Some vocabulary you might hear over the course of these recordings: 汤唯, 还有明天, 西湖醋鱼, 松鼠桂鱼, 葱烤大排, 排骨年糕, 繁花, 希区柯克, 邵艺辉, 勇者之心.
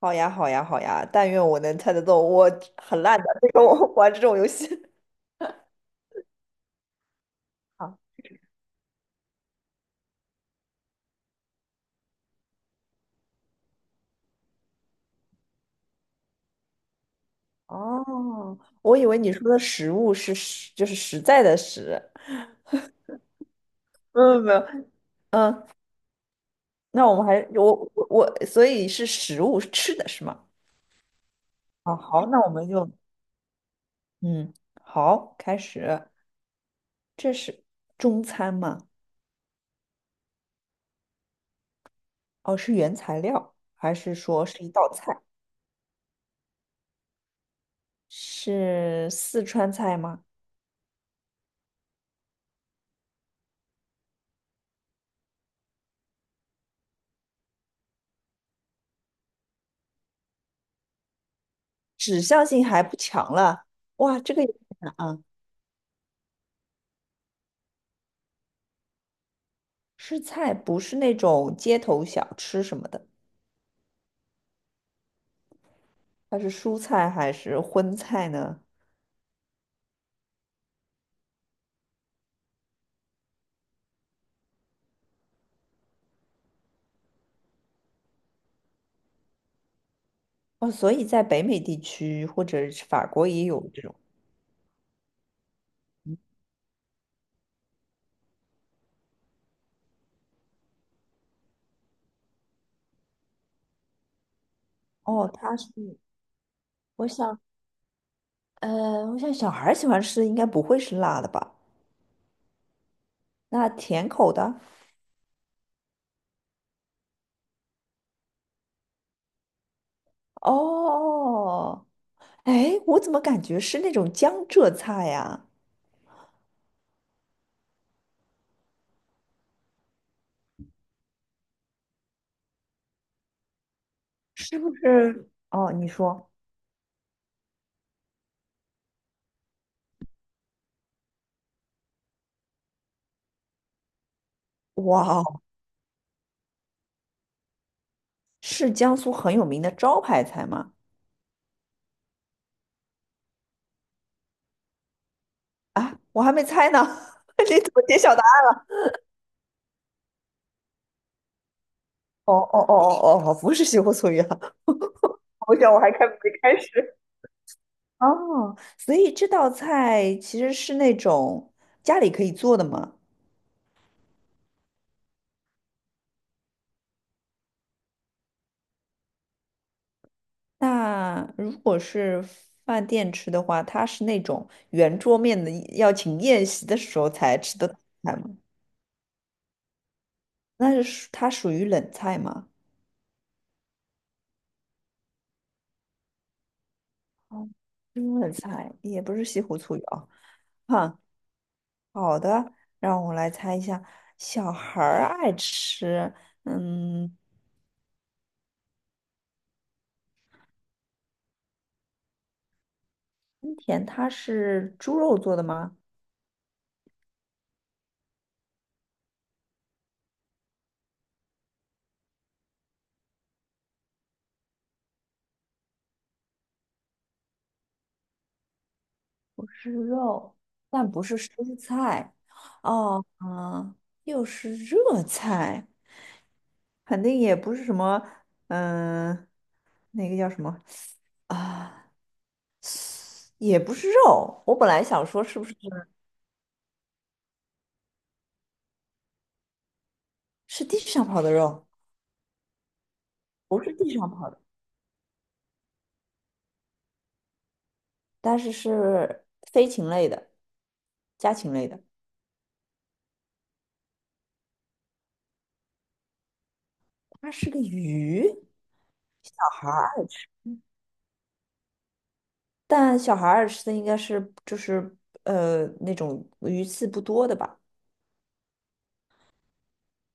好呀，好呀，好呀！但愿我能猜得动，我很烂的，这个我 玩这种游戏。啊哦，我以为你说的食物是实，就是实在的实。没有没有，嗯，那我们还我，所以是食物是吃的是吗？啊，好，那我们就嗯，好，开始。这是中餐吗？哦，是原材料，还是说是一道菜？是四川菜吗？指向性还不强了，哇，这个有点难啊。吃菜不是那种街头小吃什么的，它是蔬菜还是荤菜呢？哦，所以在北美地区或者是法国也有这种。哦，它是，我想，我想小孩儿喜欢吃的应该不会是辣的吧？那甜口的？哦，哎，我怎么感觉是那种江浙菜呀？是不是？哦，你说，哇哦，是江苏很有名的招牌菜吗？啊，我还没猜呢，你怎么揭晓的？哦哦哦哦哦，不是西湖醋鱼啊！我想我还开没开始。哦，所以这道菜其实是那种家里可以做的嘛。那如果是饭店吃的话，它是那种圆桌面的，要请宴席的时候才吃的菜吗？那是属于冷菜吗？哦，是冷菜也不是西湖醋鱼啊。哈，好的，让我来猜一下，小孩儿爱吃，嗯。春田它是猪肉做的吗？不是肉，但不是蔬菜，哦，嗯，又是热菜，肯定也不是什么，嗯、那个叫什么啊？也不是肉。我本来想说是不是是地上跑的肉，不是地上跑的，但是是飞禽类的、家禽类的。它是个鱼，小孩儿，但小孩儿吃的应该是就是那种鱼刺不多的吧。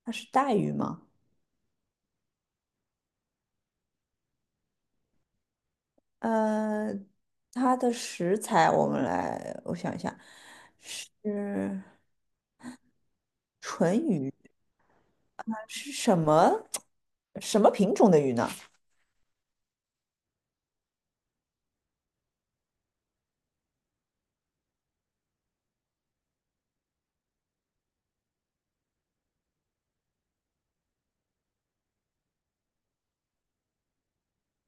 它是带鱼吗？呃，它的食材我们来，我想一下，是是什么 什么品种的鱼呢？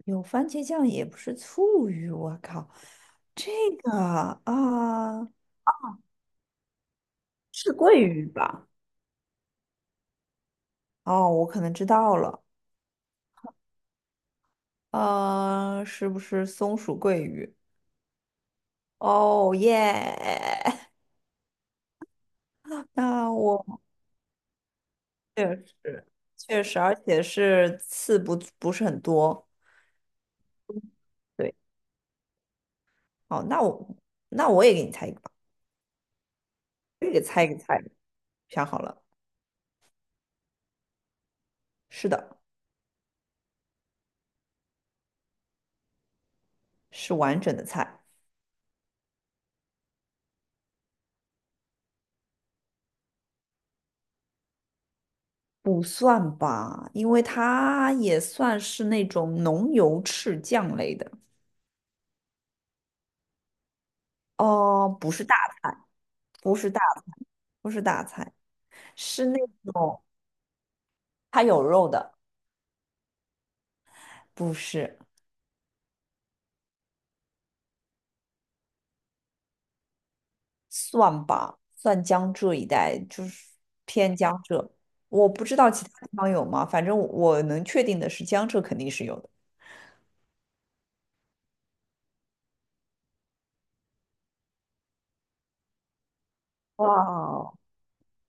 有番茄酱，也不是醋鱼，我靠，这个啊，是桂鱼吧？哦，我可能知道了，是不是松鼠桂鱼？哦耶，那我确实确实，而且是刺不是很多。对。哦，那我那我也给你猜一个吧，我也给猜一个菜，想好了，是的，是完整的菜，不算吧，因为它也算是那种浓油赤酱类的，哦，不是大，不是大菜，是那种它有肉的，不是，算吧，算江浙一带，就是偏江浙，我不知道其他地方有吗，反正我能确定的是江浙肯定是有的。哇哦，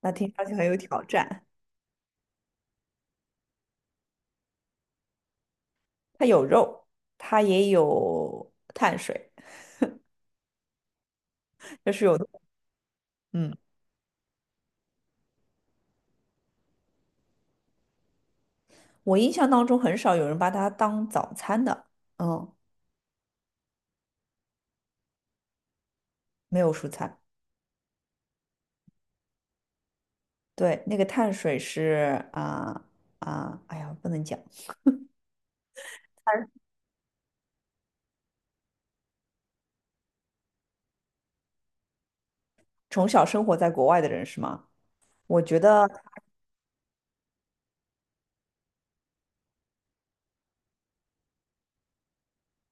那听上去很有挑战。它有肉，它也有碳水，就是有的。嗯，我印象当中很少有人把它当早餐的。嗯，没有蔬菜。对，那个碳水是啊啊，哎呀，不能讲。碳从小生活在国外的人是吗？我觉得，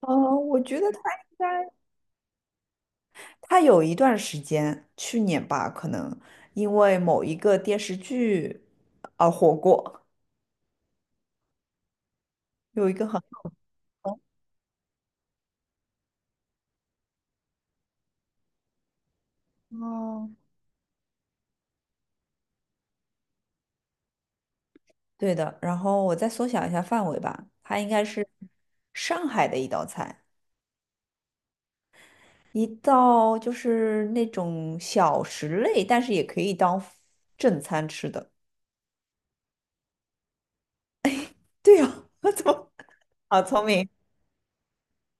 我觉得他应该，他有一段时间，去年吧，可能因为某一个电视剧而火过，有一个很好哦，对的，然后我再缩小一下范围吧，它应该是上海的一道菜，一道就是那种小食类，但是也可以当正餐吃的。对呀，我怎么好聪明？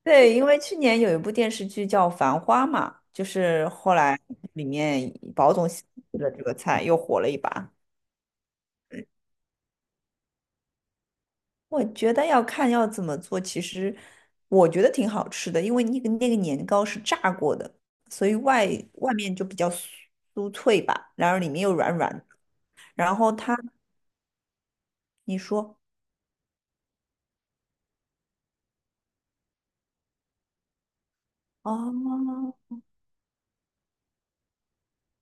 对，因为去年有一部电视剧叫《繁花》嘛，就是后来里面宝总喜了这个菜，又火了一把。我觉得要看要怎么做，其实我觉得挺好吃的，因为那个年糕是炸过的，所以外面就比较酥脆吧，然后里面又软软的。然后它，你说哦，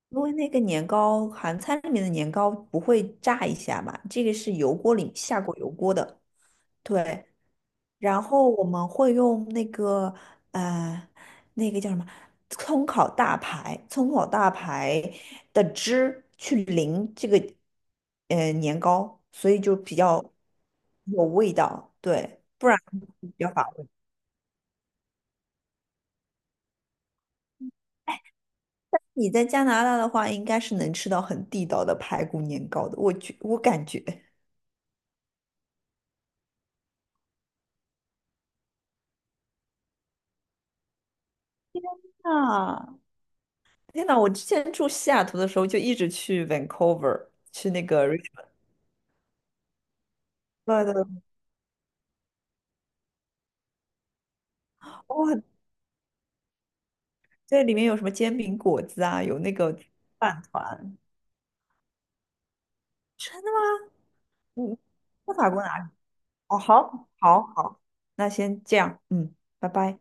因为那个年糕，韩餐里面的年糕不会炸一下嘛，这个是油锅里下过油锅的，对。然后我们会用那个呃，那个叫什么葱烤大排的汁去淋这个年糕，所以就比较有味道，对，不然比较乏味。你在加拿大的话，应该是能吃到很地道的排骨年糕的，我感觉。啊，天呐，我之前住西雅图的时候，就一直去 Vancouver，去那个 Richmond。对对，哇，这里面有什么煎饼果子啊，有那个饭团。真的吗？嗯，在法国哪里？哦，好，好，好，那先这样，嗯，拜拜。